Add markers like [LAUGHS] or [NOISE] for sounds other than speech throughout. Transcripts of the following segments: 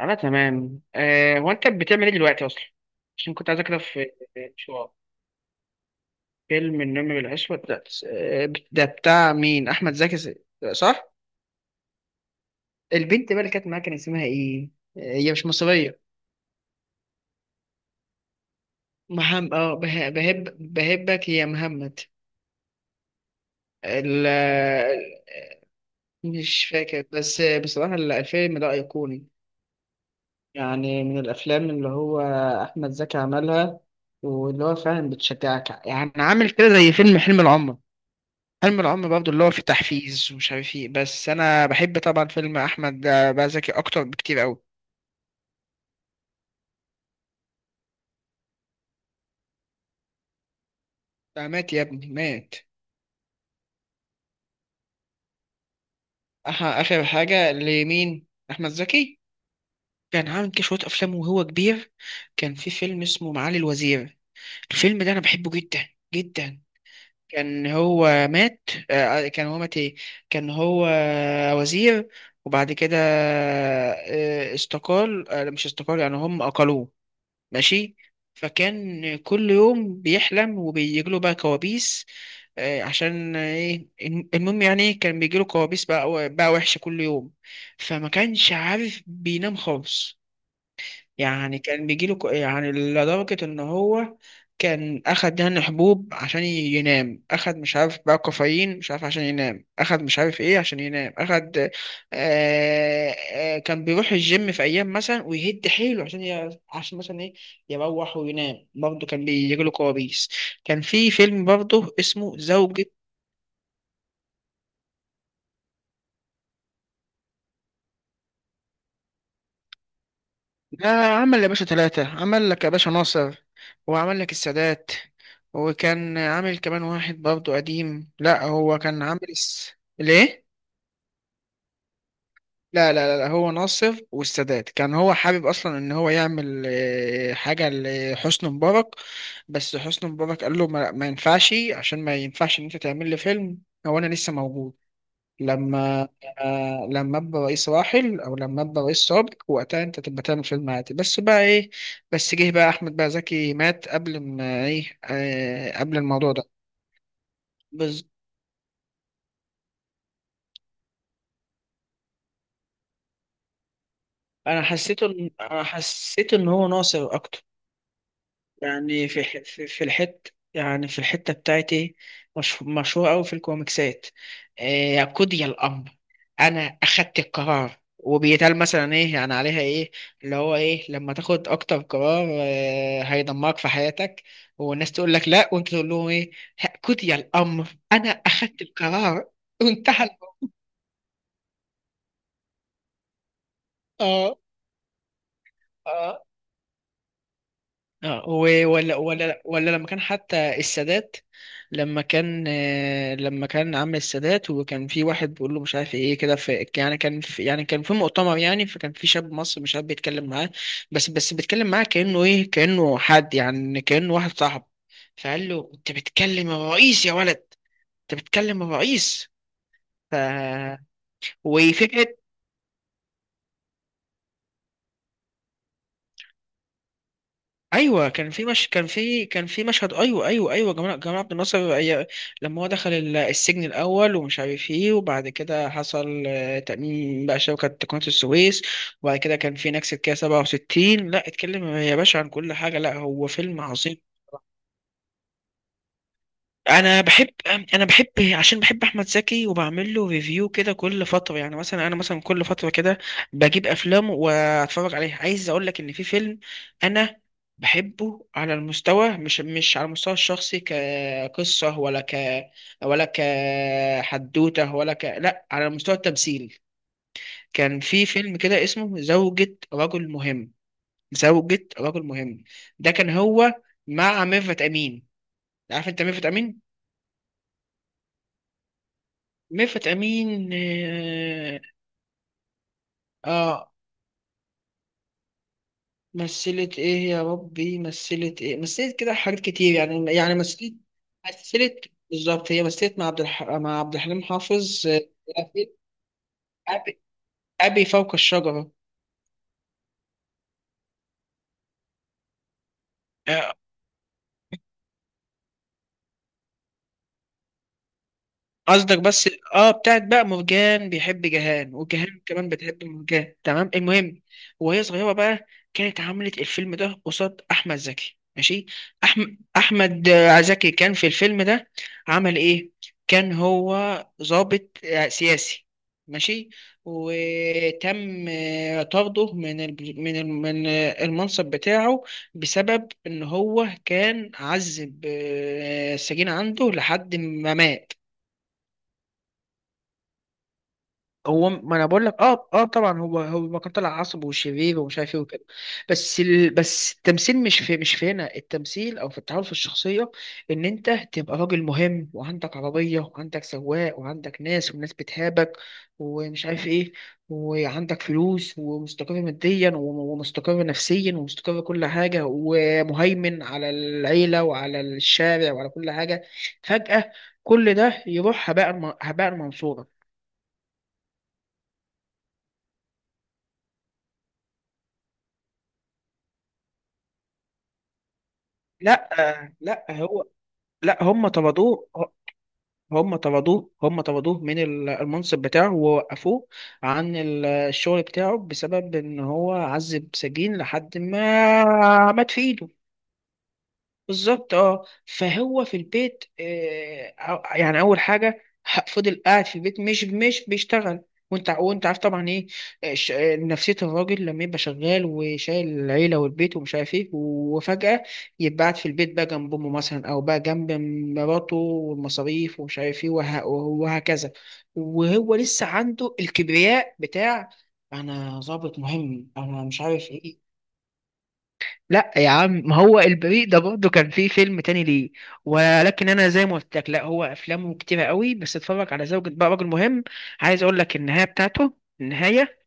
انا تمام أه. هو انت بتعمل ايه دلوقتي اصلا؟ عشان كنت عايز كده في شو. فيلم النمر بالعشوة ده، ده بتاع مين؟ احمد زكي؟ صح. البنت بقى اللي كانت معاك كان اسمها ايه؟ آه، هي مش مصرية. مهم، بهبك يا محمد. ال مش فاكر، بس بصراحة الفيلم ده أيقوني. يعني من الأفلام اللي هو أحمد زكي عملها، واللي هو فعلا بتشجعك، يعني عامل كده زي فيلم حلم العمر. فيلم العم برضه اللي هو فيه تحفيز ومش عارف ايه، بس انا بحب طبعا فيلم احمد بقى زكي اكتر بكتير قوي. ده مات يا ابني، مات. اخر حاجه لمين؟ احمد زكي كان عامل كده شويه افلام وهو كبير. كان في فيلم اسمه معالي الوزير، الفيلم ده انا بحبه جدا جدا. كان هو مات، كان هو مات ايه، كان هو وزير، وبعد كده استقال، مش استقال يعني، هم اقلوه. ماشي. فكان كل يوم بيحلم وبيجيله بقى كوابيس، عشان ايه المهم يعني إيه، كان بيجيله كوابيس بقى وحشة كل يوم، فما كانش عارف بينام خالص. يعني كان بيجيله يعني لدرجة إن هو كان أخد يعني حبوب عشان ينام، أخد مش عارف بقى كافيين مش عارف عشان ينام، أخد مش عارف إيه عشان ينام أخد. كان بيروح الجيم في أيام مثلا ويهد حيله عشان مثلا إيه، يروح وينام برضه كان بيجيله كوابيس. كان في فيلم برضه اسمه زوجة. لا، عمل يا باشا ثلاثة، عمل لك يا باشا ناصر، وعمل لك السادات، وكان عامل كمان واحد برضه قديم. لا، هو كان عامل ليه؟ لا، هو ناصر والسادات، كان هو حابب أصلا إن هو يعمل حاجة لحسني مبارك، بس حسني مبارك قال له ما ينفعش، عشان ما ينفعش إن أنت تعمل لي فيلم، هو أنا لسه موجود. لما لما ابقى رئيس راحل، او لما ابقى رئيس سابق، وقتها انت تبقى تعمل فيلم عادي، بس بقى ايه. بس جه بقى احمد بقى زكي مات قبل ما ايه، قبل الموضوع ده. بس انا حسيته انا حسيت ان هو ناصر اكتر. يعني في الحت، يعني في الحتة بتاعتي، مش مشهور أوي في الكوميكسات. يا قضي الأمر، أنا أخدت القرار، وبيتقال مثلا إيه يعني عليها إيه، اللي هو إيه لما تاخد أكتر قرار هيدمرك في حياتك، والناس تقول لك لأ وأنت تقول لهم إيه، قضي الأمر، أنا أخدت القرار، وانتهى الموضوع. آه. آه. اه، ولا لما كان حتى السادات، لما كان لما كان عم السادات وكان في واحد بيقول له مش عارف ايه كده، في يعني كان في، كان في مؤتمر يعني، فكان في شاب مصري مش عارف بيتكلم معاه، بس بيتكلم معاه كأنه ايه، كأنه حد، يعني كأنه واحد صاحب، فقال له انت بتكلم الرئيس يا ولد، انت بتكلم الرئيس. ف... وفي، ايوه، كان في مش كان في مشهد، ايوه ايوه ايوه، جمال عبد الناصر لما هو دخل السجن الاول ومش عارف ايه، وبعد كده حصل تأميم بقى شبكه قناه السويس. وبعد كده كان في نكسه كده 67. لا اتكلم يا باشا عن كل حاجه، لا هو فيلم عظيم. انا بحب انا بحب عشان بحب احمد زكي، وبعمل له ريفيو كده كل فتره، يعني مثلا انا مثلا كل فتره كده بجيب افلام واتفرج عليها. عايز اقول لك ان في فيلم انا بحبه على المستوى، مش على المستوى الشخصي كقصه، ولا كحدوته، ولا ك لا، على مستوى التمثيل. كان في فيلم كده اسمه زوجة رجل مهم، زوجة رجل مهم، ده كان هو مع ميرفت امين. عارف انت ميرفت امين؟ ميرفت أمين، آه. آه، مثلت إيه يا ربي، مثلت إيه، مثلت كده حاجات كتير، مثلت، مثلت بالظبط، هي مثلت مع مع عبد الحليم حافظ، آه، في أبي، أبي فوق الشجرة. قصدك، بس اه، بتاعت بقى مرجان بيحب جهان وجهان كمان بتحب مرجان، تمام. المهم وهي صغيرة بقى، كانت عملت الفيلم ده قصاد أحمد زكي، ماشي. أحمد أحمد زكي كان في الفيلم ده عمل إيه؟ كان هو ضابط سياسي، ماشي. وتم طرده من المنصب بتاعه، بسبب إن هو كان عذب السجين عنده لحد ما مات. هو ما انا بقول لك، اه اه، طبعا هو كان طلع عصب وشرير ومش عارف ايه وكده. بس التمثيل مش في هنا، التمثيل او في التعامل في الشخصيه، ان انت تبقى راجل مهم، وعندك عربيه، وعندك سواق، وعندك ناس والناس بتهابك ومش عارف ايه، وعندك فلوس، ومستقر ماديا، ومستقر نفسيا، ومستقر كل حاجه، ومهيمن على العيله وعلى الشارع وعلى كل حاجه. فجاه كل ده يروح هباء، هباء منصورا. لا لا هو لا، هم طردوه، هم طردوه من المنصب بتاعه، ووقفوه عن الشغل بتاعه، بسبب ان هو عذب سجين لحد ما مات في ايده. بالظبط، اه. فهو في البيت، يعني اول حاجه، فضل قاعد في البيت مش بيشتغل. وانت عارف طبعا ايه نفسيه الراجل لما يبقى شغال وشايل العيله والبيت ومش عارف ايه، وفجاه يبقى قاعد في البيت بقى جنب امه مثلا، او بقى جنب مراته، والمصاريف ومش عارف ايه، وهكذا، وهو لسه عنده الكبرياء بتاع: انا ظابط مهم، انا مش عارف ايه. لا يا عم، ما هو البريء ده برضه كان فيه فيلم تاني ليه، ولكن انا زي ما قلت لك، لا، هو افلامه كتيره قوي، بس اتفرج على زوجة بقى رجل مهم. عايز اقول لك النهايه بتاعته، النهايه.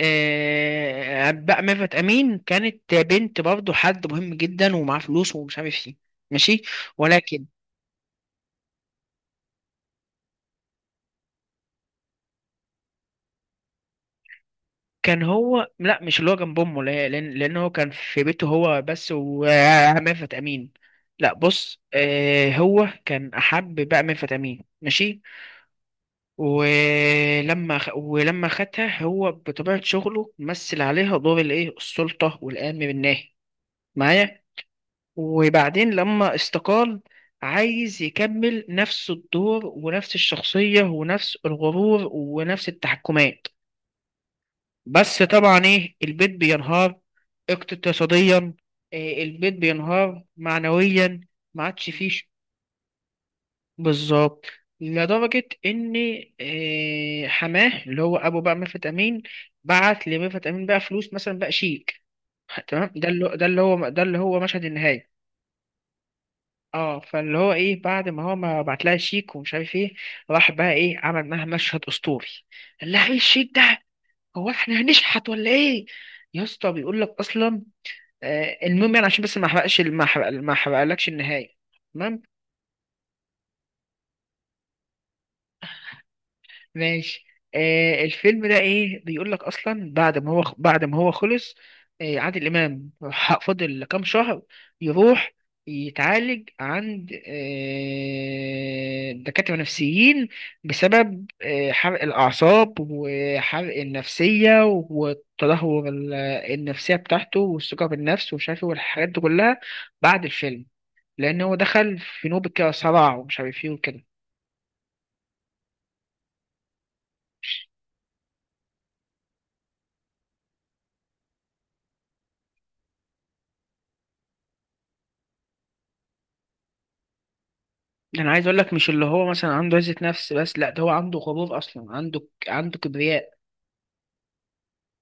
آه بقى، ميرفت امين كانت بنت برضه حد مهم جدا ومعاه فلوس ومش عارف ايه، ماشي. ولكن كان هو، لا، مش اللي هو جنب امه، لان هو كان في بيته هو بس وميرفت [LAUGHS] امين. لا بص، آه، هو كان احب بقى ميرفت امين، ماشي. ولما خدها، هو بطبيعة شغله مثل عليها دور الايه، السلطة والأمن بالناهي معايا. وبعدين لما استقال، عايز يكمل نفس الدور ونفس الشخصية ونفس الغرور ونفس التحكمات، بس طبعا ايه، البيت بينهار اقتصاديا، إيه، البيت بينهار معنويا، ما عادش فيه. بالظبط. لدرجة إن حماه، اللي هو أبو بقى ميرفت أمين، بعت لميرفت أمين بقى فلوس مثلا، بقى شيك، تمام. ده اللي هو مشهد النهاية. اه، فاللي هو ايه، بعد ما هو ما بعت لها شيك ومش عارف ايه، راح بقى ايه، عمل معاها مشهد اسطوري، قال لها ايه الشيك ده، هو احنا هنشحت ولا ايه، يا اسطى بيقول لك اصلا. آه المهم، يعني عشان بس ما احرقلكش النهاية. ماشي. آه الفيلم ده ايه، بيقول لك اصلا، بعد ما هو خلص، آه عادل امام، فضل كام شهر يروح يتعالج عند آه دكاترة نفسيين، بسبب آه حرق الأعصاب وحرق النفسية والتدهور النفسية بتاعته والثقة بالنفس ومش عارف ايه والحاجات دي كلها، بعد الفيلم، لأن هو دخل في نوبة كده صراع ومش عارف ايه وكده. ده انا عايز اقول لك، مش اللي هو مثلا عنده عزة نفس بس، لا، ده هو عنده غرور اصلا، عنده كبرياء،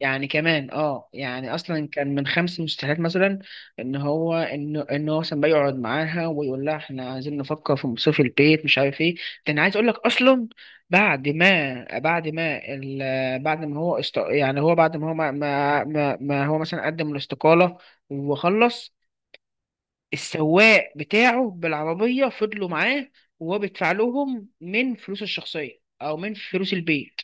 يعني كمان اه، يعني اصلا كان من خمس مستحيلات مثلا ان هو، ان ان هو مثلا بيقعد معاها ويقول لها احنا عايزين نفكر في مصروف البيت مش عارف ايه. ده انا عايز اقول لك اصلا، بعد ما بعد ما ال... بعد ما هو است... يعني هو بعد ما هو ما ما, ما ما هو مثلا قدم الاستقالة وخلص، السواق بتاعه بالعربية فضلوا معاه، وهو بيدفع لهم من فلوسه الشخصية أو من فلوس البيت.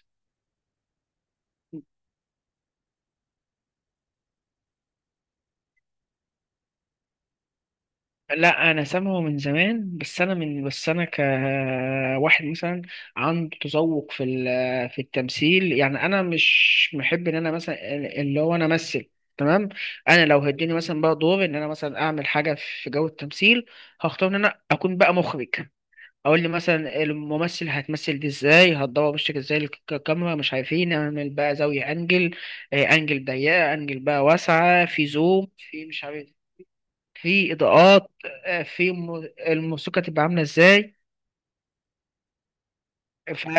لا أنا سامعه من زمان، بس أنا كواحد مثلا عنده تذوق في التمثيل، يعني أنا مش محب إن أنا مثلا اللي هو أنا أمثل، تمام. أنا لو هديني مثلا بقى دور إن أنا مثلا أعمل حاجة في جو التمثيل، هختار إن أنا أكون بقى مخرج، اقول لي مثلا الممثل هتمثل دي ازاي، هتدور وشك ازاي، الكاميرا مش عارفين، اعمل بقى زاوية انجل، انجل ضيقة، انجل بقى واسعة، في زوم، في مش عارف، في اضاءات، الموسيقى تبقى عاملة ازاي. ف [LAUGHS]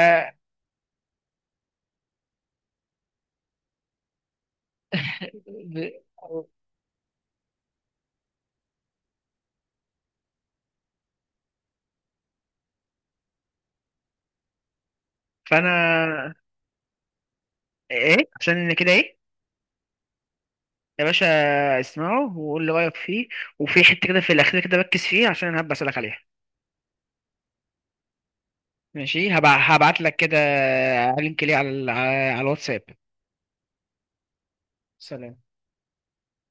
ب- فانا ايه، عشان انا كده ايه، يا باشا، اسمعه وقول لي رايك فيه، وفي حته كده في الاخير كده ركز فيه عشان انا هبقى اسالك عليها. ماشي، هبعت لك كده لينك ليه على على الواتساب. سلام.